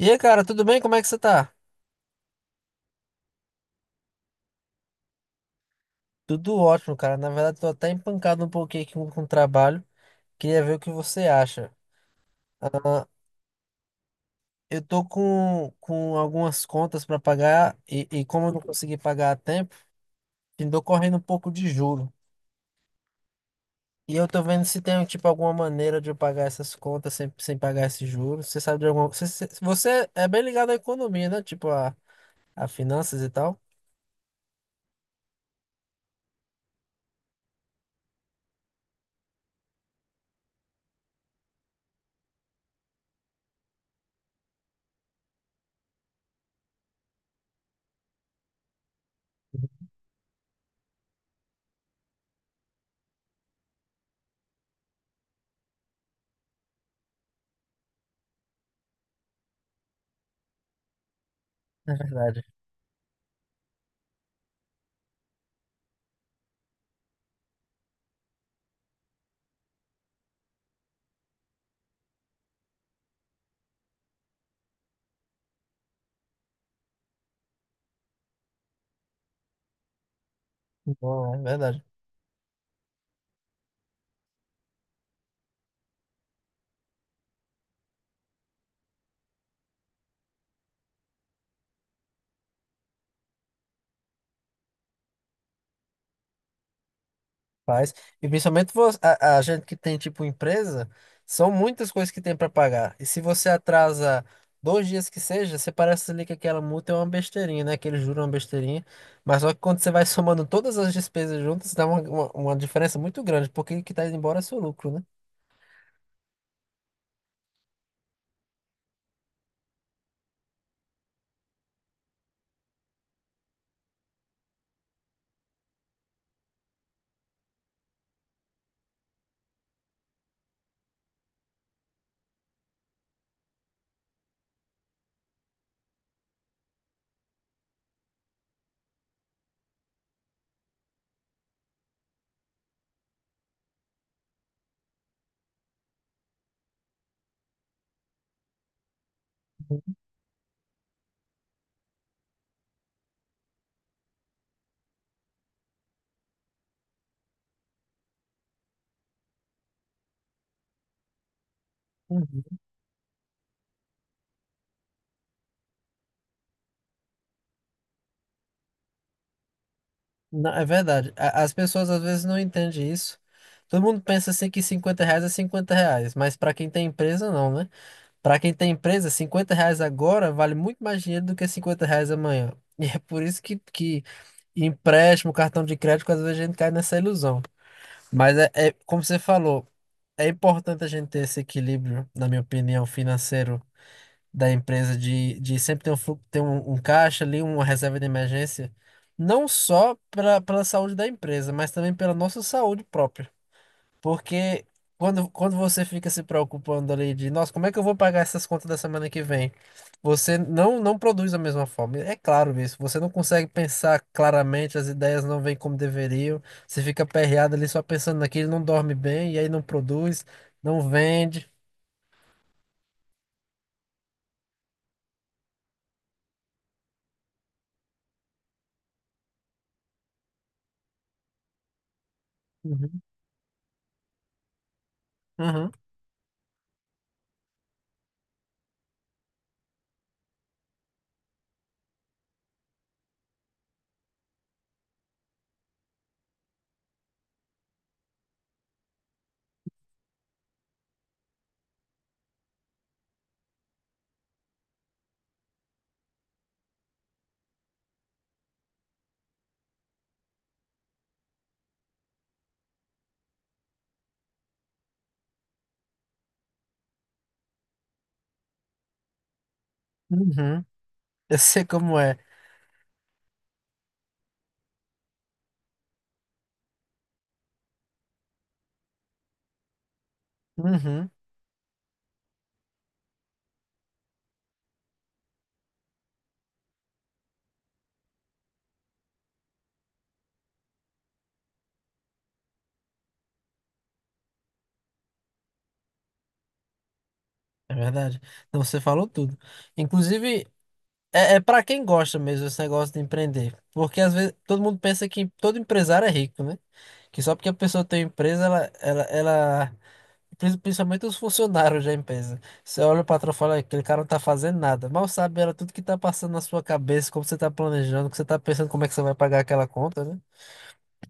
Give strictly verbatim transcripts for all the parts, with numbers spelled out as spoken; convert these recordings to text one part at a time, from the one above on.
E aí, cara, tudo bem? Como é que você tá? Tudo ótimo, cara. Na verdade, tô até empancado um pouquinho aqui com, com o trabalho. Queria ver o que você acha. Ah, eu tô com, com algumas contas pra pagar e, e como eu não consegui pagar a tempo, tô correndo um pouco de juro. E eu tô vendo se tem, tipo, alguma maneira de eu pagar essas contas sem, sem pagar esse juro. Você sabe de alguma. Você, você você é bem ligado à economia, né? Tipo, a, A finanças e tal? É verdade. Bom, é verdade. Faz. E principalmente vo- a, a gente que tem tipo empresa, são muitas coisas que tem para pagar. E se você atrasa dois dias que seja, você parece ali que aquela multa é uma besteirinha, né? Que eles juram uma besteirinha. Mas só que quando você vai somando todas as despesas juntas, dá uma, uma, uma diferença muito grande, porque o que tá indo embora é seu lucro, né? Uhum. Não, é verdade. A- As pessoas às vezes não entendem isso. Todo mundo pensa assim que cinquenta reais é cinquenta reais, mas para quem tem empresa, não, né? Para quem tem empresa, cinquenta reais agora vale muito mais dinheiro do que cinquenta reais amanhã. E é por isso que, que empréstimo, cartão de crédito, às vezes a gente cai nessa ilusão. Mas é, é como você falou, é importante a gente ter esse equilíbrio, na minha opinião, financeiro da empresa, de, de sempre ter um, flu- ter um, um caixa ali, uma reserva de emergência, não só pela, pela saúde da empresa, mas também pela nossa saúde própria. Porque quando, quando você fica se preocupando ali de, nossa, como é que eu vou pagar essas contas da semana que vem? Você não, não produz da mesma forma. É claro isso. Você não consegue pensar claramente, as ideias não vêm como deveriam. Você fica aperreado ali só pensando naquilo, não dorme bem, e aí não produz, não vende. Uhum, uhum, uhum. Eu sei como é. Uhum, é verdade. Não, você falou tudo. Inclusive, É, é para quem gosta mesmo esse negócio de empreender. Porque às vezes todo mundo pensa que todo empresário é rico, né? Que só porque a pessoa tem empresa, ela, ela, ela... prin- Principalmente os funcionários da empresa. Você olha o patrão e fala, "Ah, aquele cara não tá fazendo nada." Mal sabe ela tudo que tá passando na sua cabeça, como você tá planejando, que você tá pensando como é que você vai pagar aquela conta, né?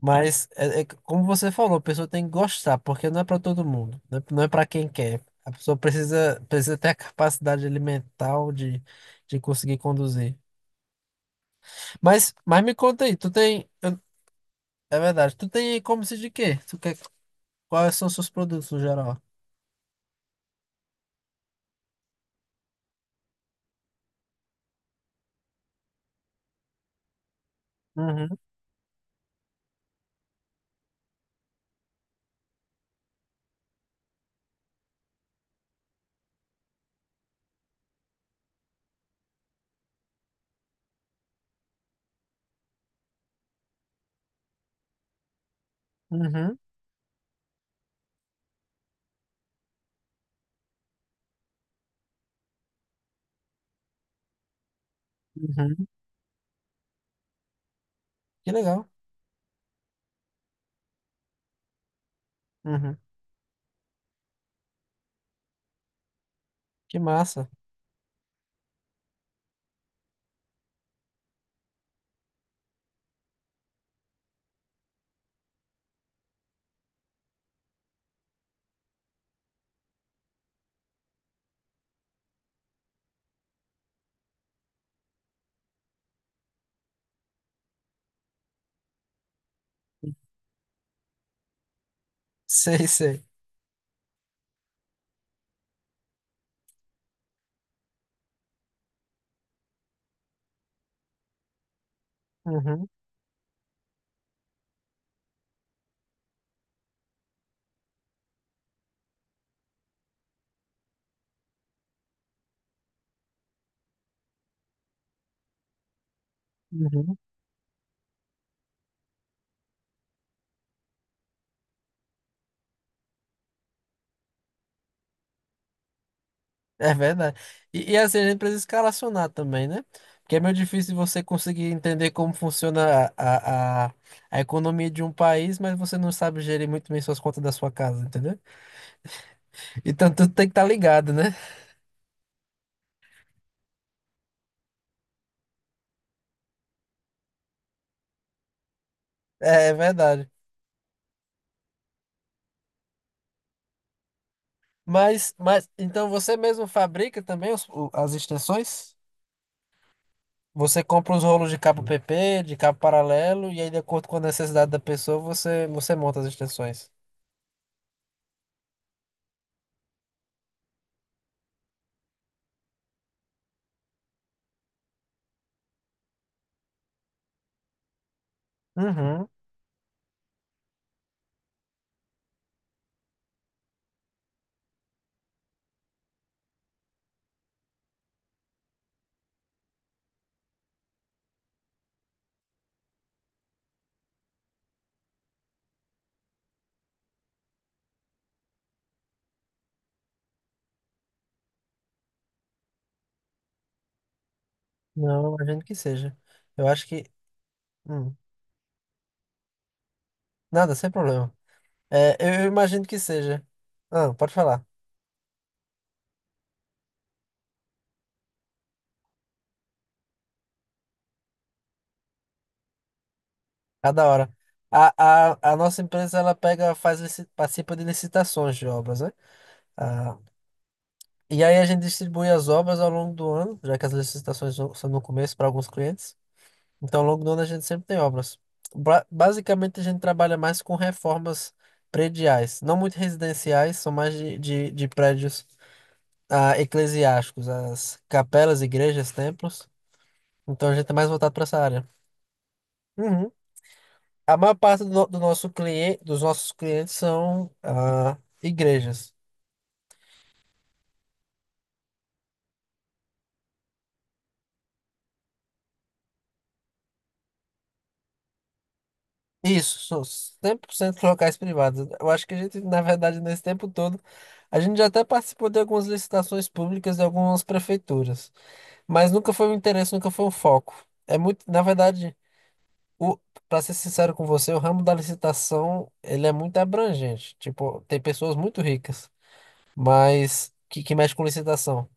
Mas, é, é c- como você falou, a pessoa tem que gostar, porque não é para todo mundo. Não é, não é para quem quer. A pessoa precisa, precisa ter a capacidade ali mental de, de conseguir conduzir. Mas, mas me conta aí, tu tem. eu- é verdade, tu tem e-commerce de quê? Tu quer, quais são os seus produtos no geral? Uhum, uhum, uhum. Que legal. Uhum. Que massa. Sei, sei. Uhum, uhum. É verdade. E, e assim, a gente precisa escalacionar também, né? Porque é meio difícil você conseguir entender como funciona a, a, a, a economia de um país, mas você não sabe gerir muito bem suas contas da sua casa, entendeu? Então, tu tem que estar ligado, né? É, é verdade. Mas, mas então você mesmo fabrica também os- o- as extensões? Você compra os rolos de cabo P P, de cabo paralelo, e aí, de acordo com a necessidade da pessoa, você, você monta as extensões. Uhum. Não, eu imagino que seja. Eu acho que. Hum, nada, sem problema. É, eu eu imagino que seja. Não, pode falar. Cada hora. A, a, a nossa empresa ela pega, faz, lici- participa de licitações de obras, né? Ah, e aí a gente distribui as obras ao longo do ano, já que as licitações são são no começo para alguns clientes. Então, ao longo do ano a gente sempre tem obras. Ba- basicamente, a gente trabalha mais com reformas prediais, não muito residenciais, são mais de, de, de prédios ah, eclesiásticos, as capelas, igrejas, templos. Então, a gente é mais voltado para essa área. Uhum. A maior parte do, no- do nosso cliente, dos nossos clientes são ah, igrejas. Isso, são cem por cento locais privados. Eu acho que a gente, na verdade, nesse tempo todo, a gente já até participou de algumas licitações públicas de algumas prefeituras. Mas nunca foi um interesse, nunca foi um foco. É muito, na verdade, o, para ser sincero com você, o ramo da licitação, ele é muito abrangente. Tipo, tem pessoas muito ricas, mas que, que mexe com licitação.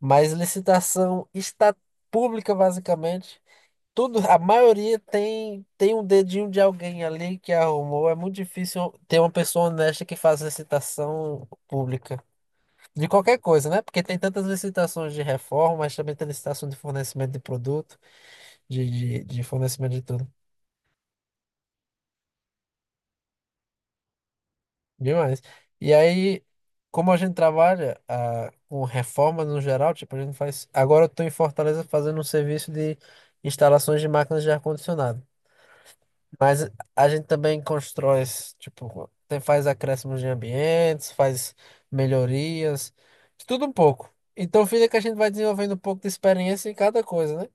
Mas licitação está pública, basicamente. Tudo, a maioria tem tem um dedinho de alguém ali que arrumou. É muito difícil ter uma pessoa honesta que faz licitação pública. De qualquer coisa, né? Porque tem tantas licitações de reforma, mas também tem licitação de fornecimento de produto de, de, de fornecimento de tudo. Demais. E aí, como a gente trabalha ah, com reforma no geral, tipo, a gente faz. Agora eu estou em Fortaleza fazendo um serviço de instalações de máquinas de ar-condicionado. Mas a gente também constrói, tipo, tem- faz acréscimos de ambientes, faz melhorias, de tudo um pouco. Então fica que a gente vai desenvolvendo um pouco de experiência em cada coisa, né?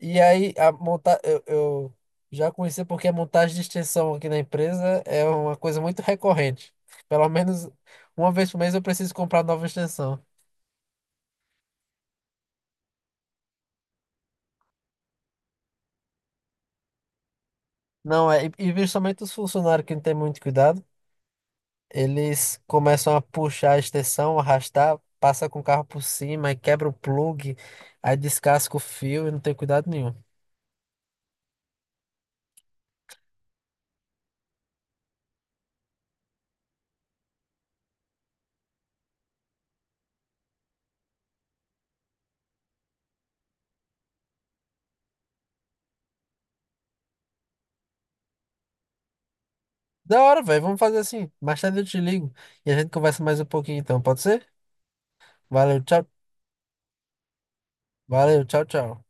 E aí, a monta eu, eu já conheci porque a montagem de extensão aqui na empresa é uma coisa muito recorrente. Pelo menos uma vez por mês eu preciso comprar nova extensão. Não é, e e justamente os funcionários que não têm muito cuidado, eles começam a puxar a extensão, arrastar, passa com o carro por cima, aí quebra o plug, aí descasca o fio e não tem cuidado nenhum. Da hora, velho, vamos fazer assim. Mais tarde eu te ligo e a gente conversa mais um pouquinho então, pode ser? Valeu, tchau. Valeu, tchau, tchau.